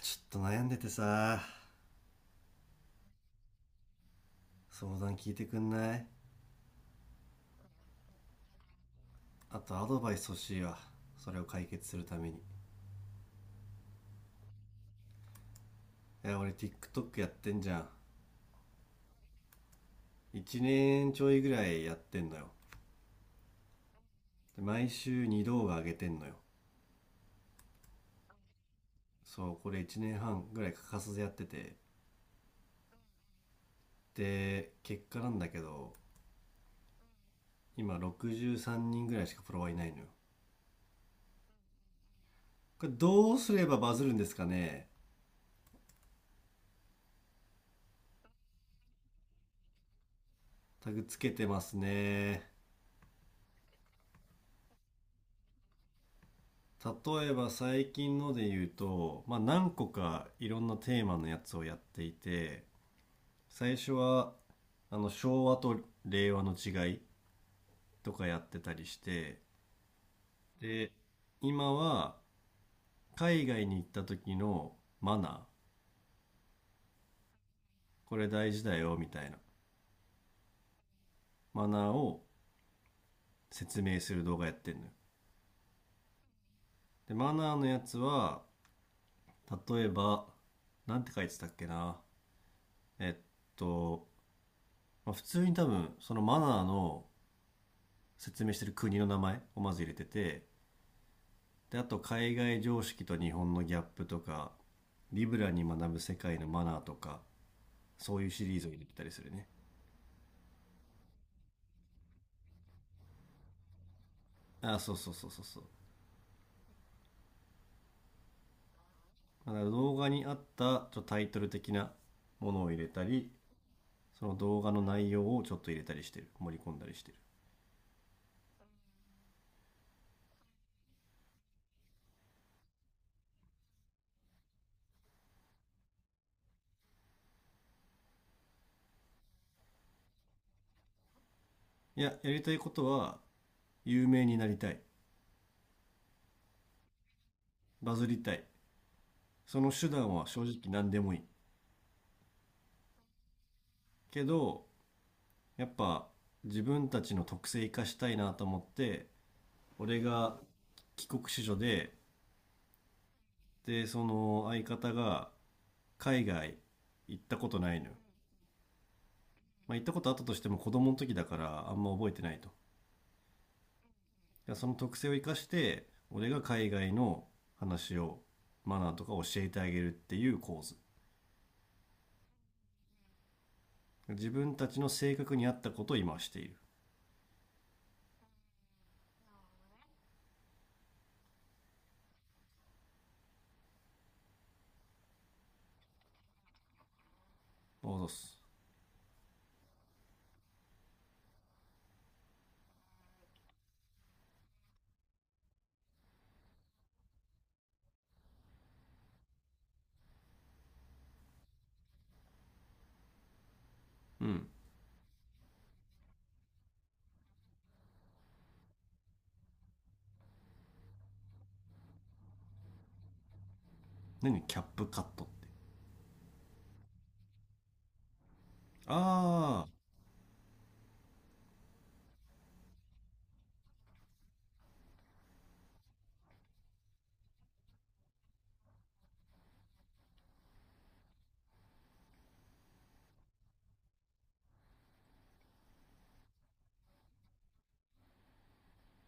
ちょっと悩んでてさ。相談聞いてくんない？あとアドバイス欲しいわ、それを解決するために。いや俺 TikTok やってんじゃん。1年ちょいぐらいやってんのよ。で毎週2動画上げてんのよ。そうこれ1年半ぐらい欠かさずやってて、で結果なんだけど、今63人ぐらいしかフォロワーいないのよ。これどうすればバズるんですかね？タグつけてますね。例えば最近ので言うと、まあ、何個かいろんなテーマのやつをやっていて、最初はあの昭和と令和の違いとかやってたりして。で今は海外に行った時のマナー、これ大事だよみたいな、マナーを説明する動画やってんのよ。でマナーのやつは、例えばなんて書いてたっけな。えっと、まあ、普通に多分そのマナーの説明してる国の名前をまず入れてて、であと海外常識と日本のギャップとか、リブラに学ぶ世界のマナーとか、そういうシリーズを入れてたりするね。あ、そうそうそうそうそう。だから動画に合ったちょっとタイトル的なものを入れたり、その動画の内容をちょっと入れたりしてる、盛り込んだりしてる。いや、やりたいことは有名になりたい、バズりたい。その手段は正直何でもいい。けどやっぱ自分たちの特性生かしたいなと思って、俺が帰国子女で、で、その相方が海外行ったことないのよ。まあ、行ったことあったとしても子供の時だからあんま覚えてないと。でその特性を生かして、俺が海外の話を、マナーとか教えてあげるっていう構図。自分たちの性格に合ったことを今している。あ、そうす。うん。何キャップカットって？ああ、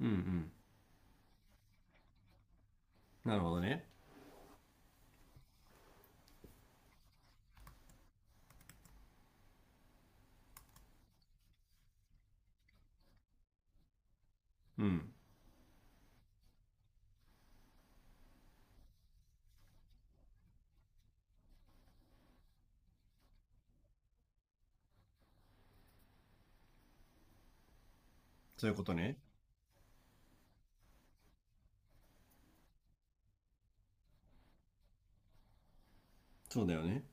うんうん。なるほどね。うん。そういうことね。そうだよね。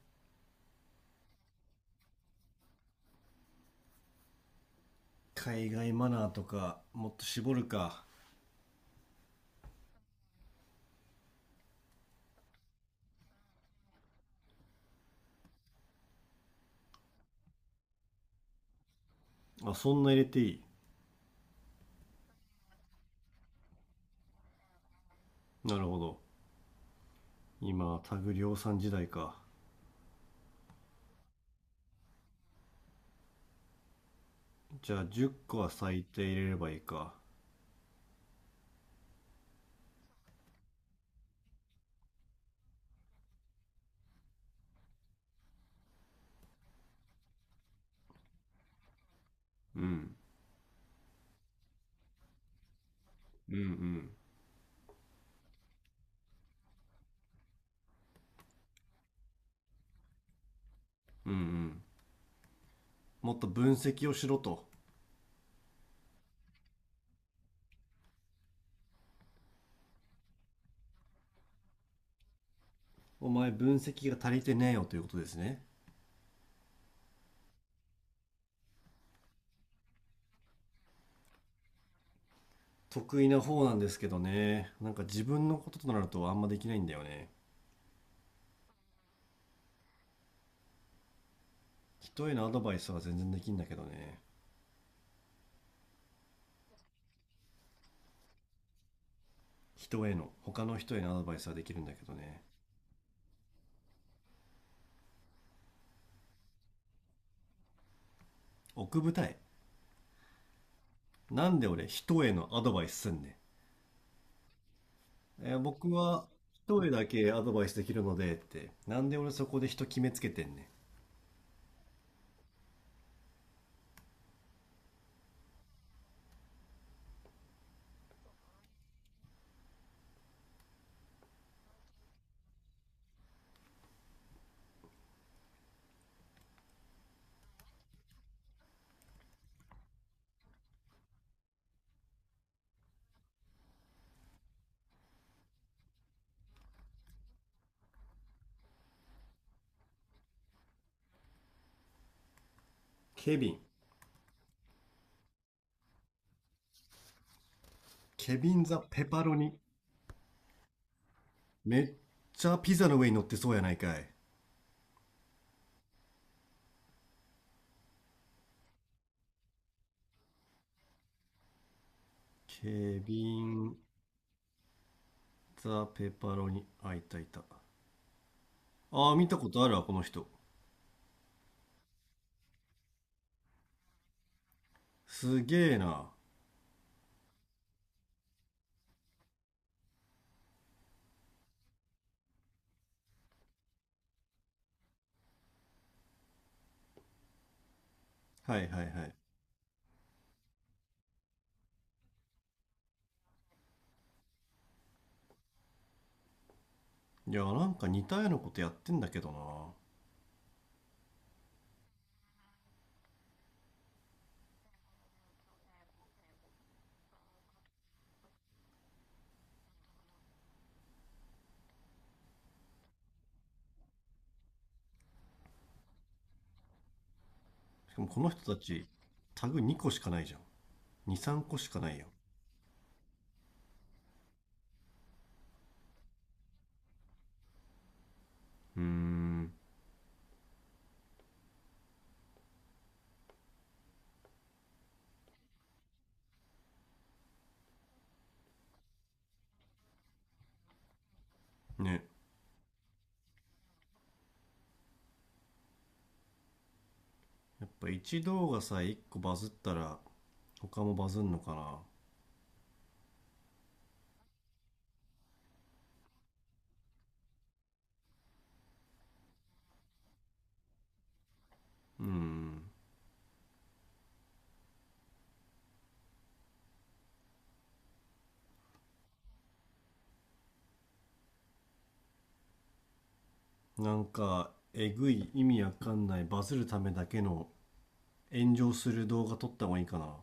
海外マナーとか、もっと絞るか。あ、そんな入れていい？なるほど。今、タグ量産時代か。じゃあ、10個は最低入れればいいか。うん。うんうん。うんうん。もっと分析をしろと。お前、分析が足りてねえよということですね。得意な方なんですけどね。なんか自分のこととなるとあんまできないんだよね。人へのアドバイスは全然できんだけどね。人への、他の人へのアドバイスはできるんだけどね。奥二重？なんで俺人へのアドバイスすんねん。僕は一人だけアドバイスできるのでって、なんで俺そこで人決めつけてんねん。ケビン。ケビンザペパロニ。めっちゃピザの上に乗ってそうやないかい。ケビンザペパロニ。あ、いたいた。ああ、見たことあるわ、この人。すげえな。はいはいはい。いや、なんか似たようなことやってんだけどな。しかもこの人たち、タグ2個しかないじゃん。2、3個しかないやん。うーん。ね。やっぱ一動画さえ1個バズったら、他もバズんのかな。うん。なんかえぐい意味わかんないバズるためだけの炎上する動画撮った方がいいかな？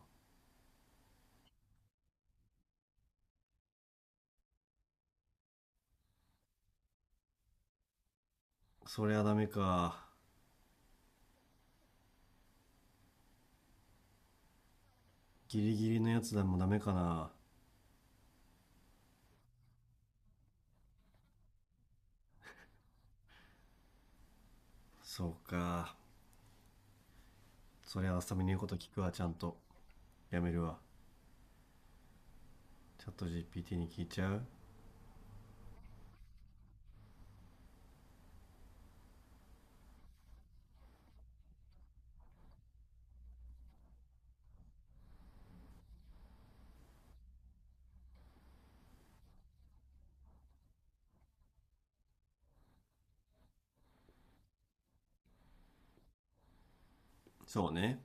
そりゃダメか。ギリギリのやつでもダメかな？そうか。そりゃあさみの言うこと聞くわ、ちゃんと。やめるわ。チャット GPT に聞いちゃう。そうね。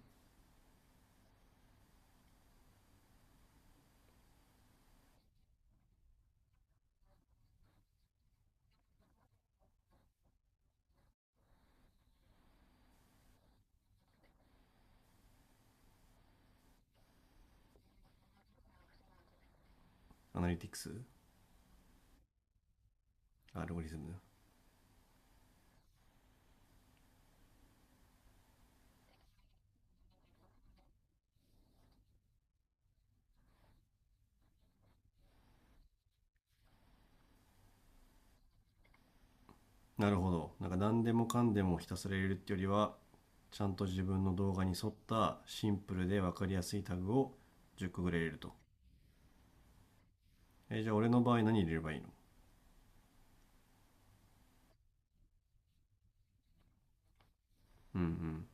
アナリティクス。アルゴリズム。なるほど、なんか何でもかんでもひたすら入れるってよりは、ちゃんと自分の動画に沿ったシンプルで分かりやすいタグを10個ぐらい入れると。じゃあ俺の場合何入れればいいの？うんうん。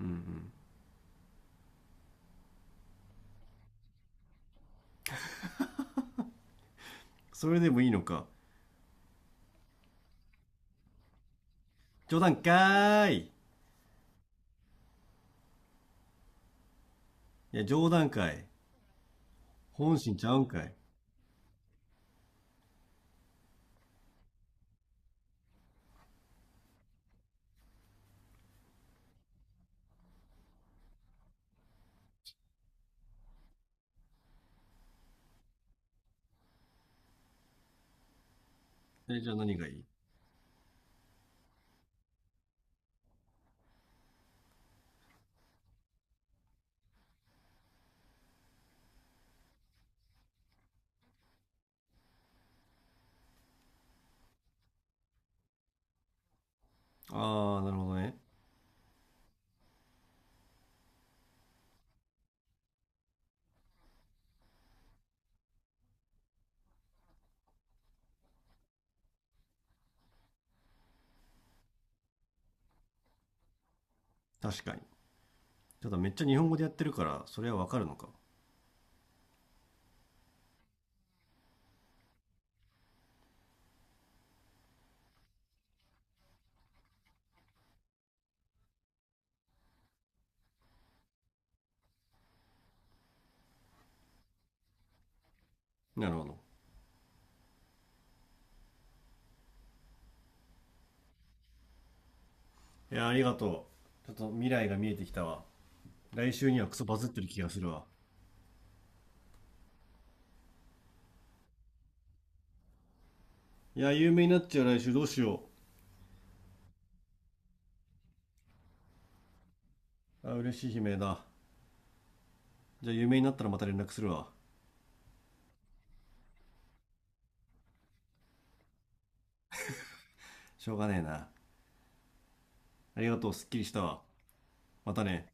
うんうん。それでもいいのか。冗談かーい。いや冗談かい。本心ちゃうんかい。え、じゃあ何がいい？ああなるほどね。確かに。ただめっちゃ日本語でやってるからそれはわかるのか。なるほど。いや、ありがとう。ちょっと未来が見えてきたわ。来週にはクソバズってる気がするわ。いや有名になっちゃう、来週どうしよ。うあ、嬉しい悲鳴だ。じゃあ有名になったらまた連絡するわ。しょうがねえな。ありがとう、すっきりしたわ。またね。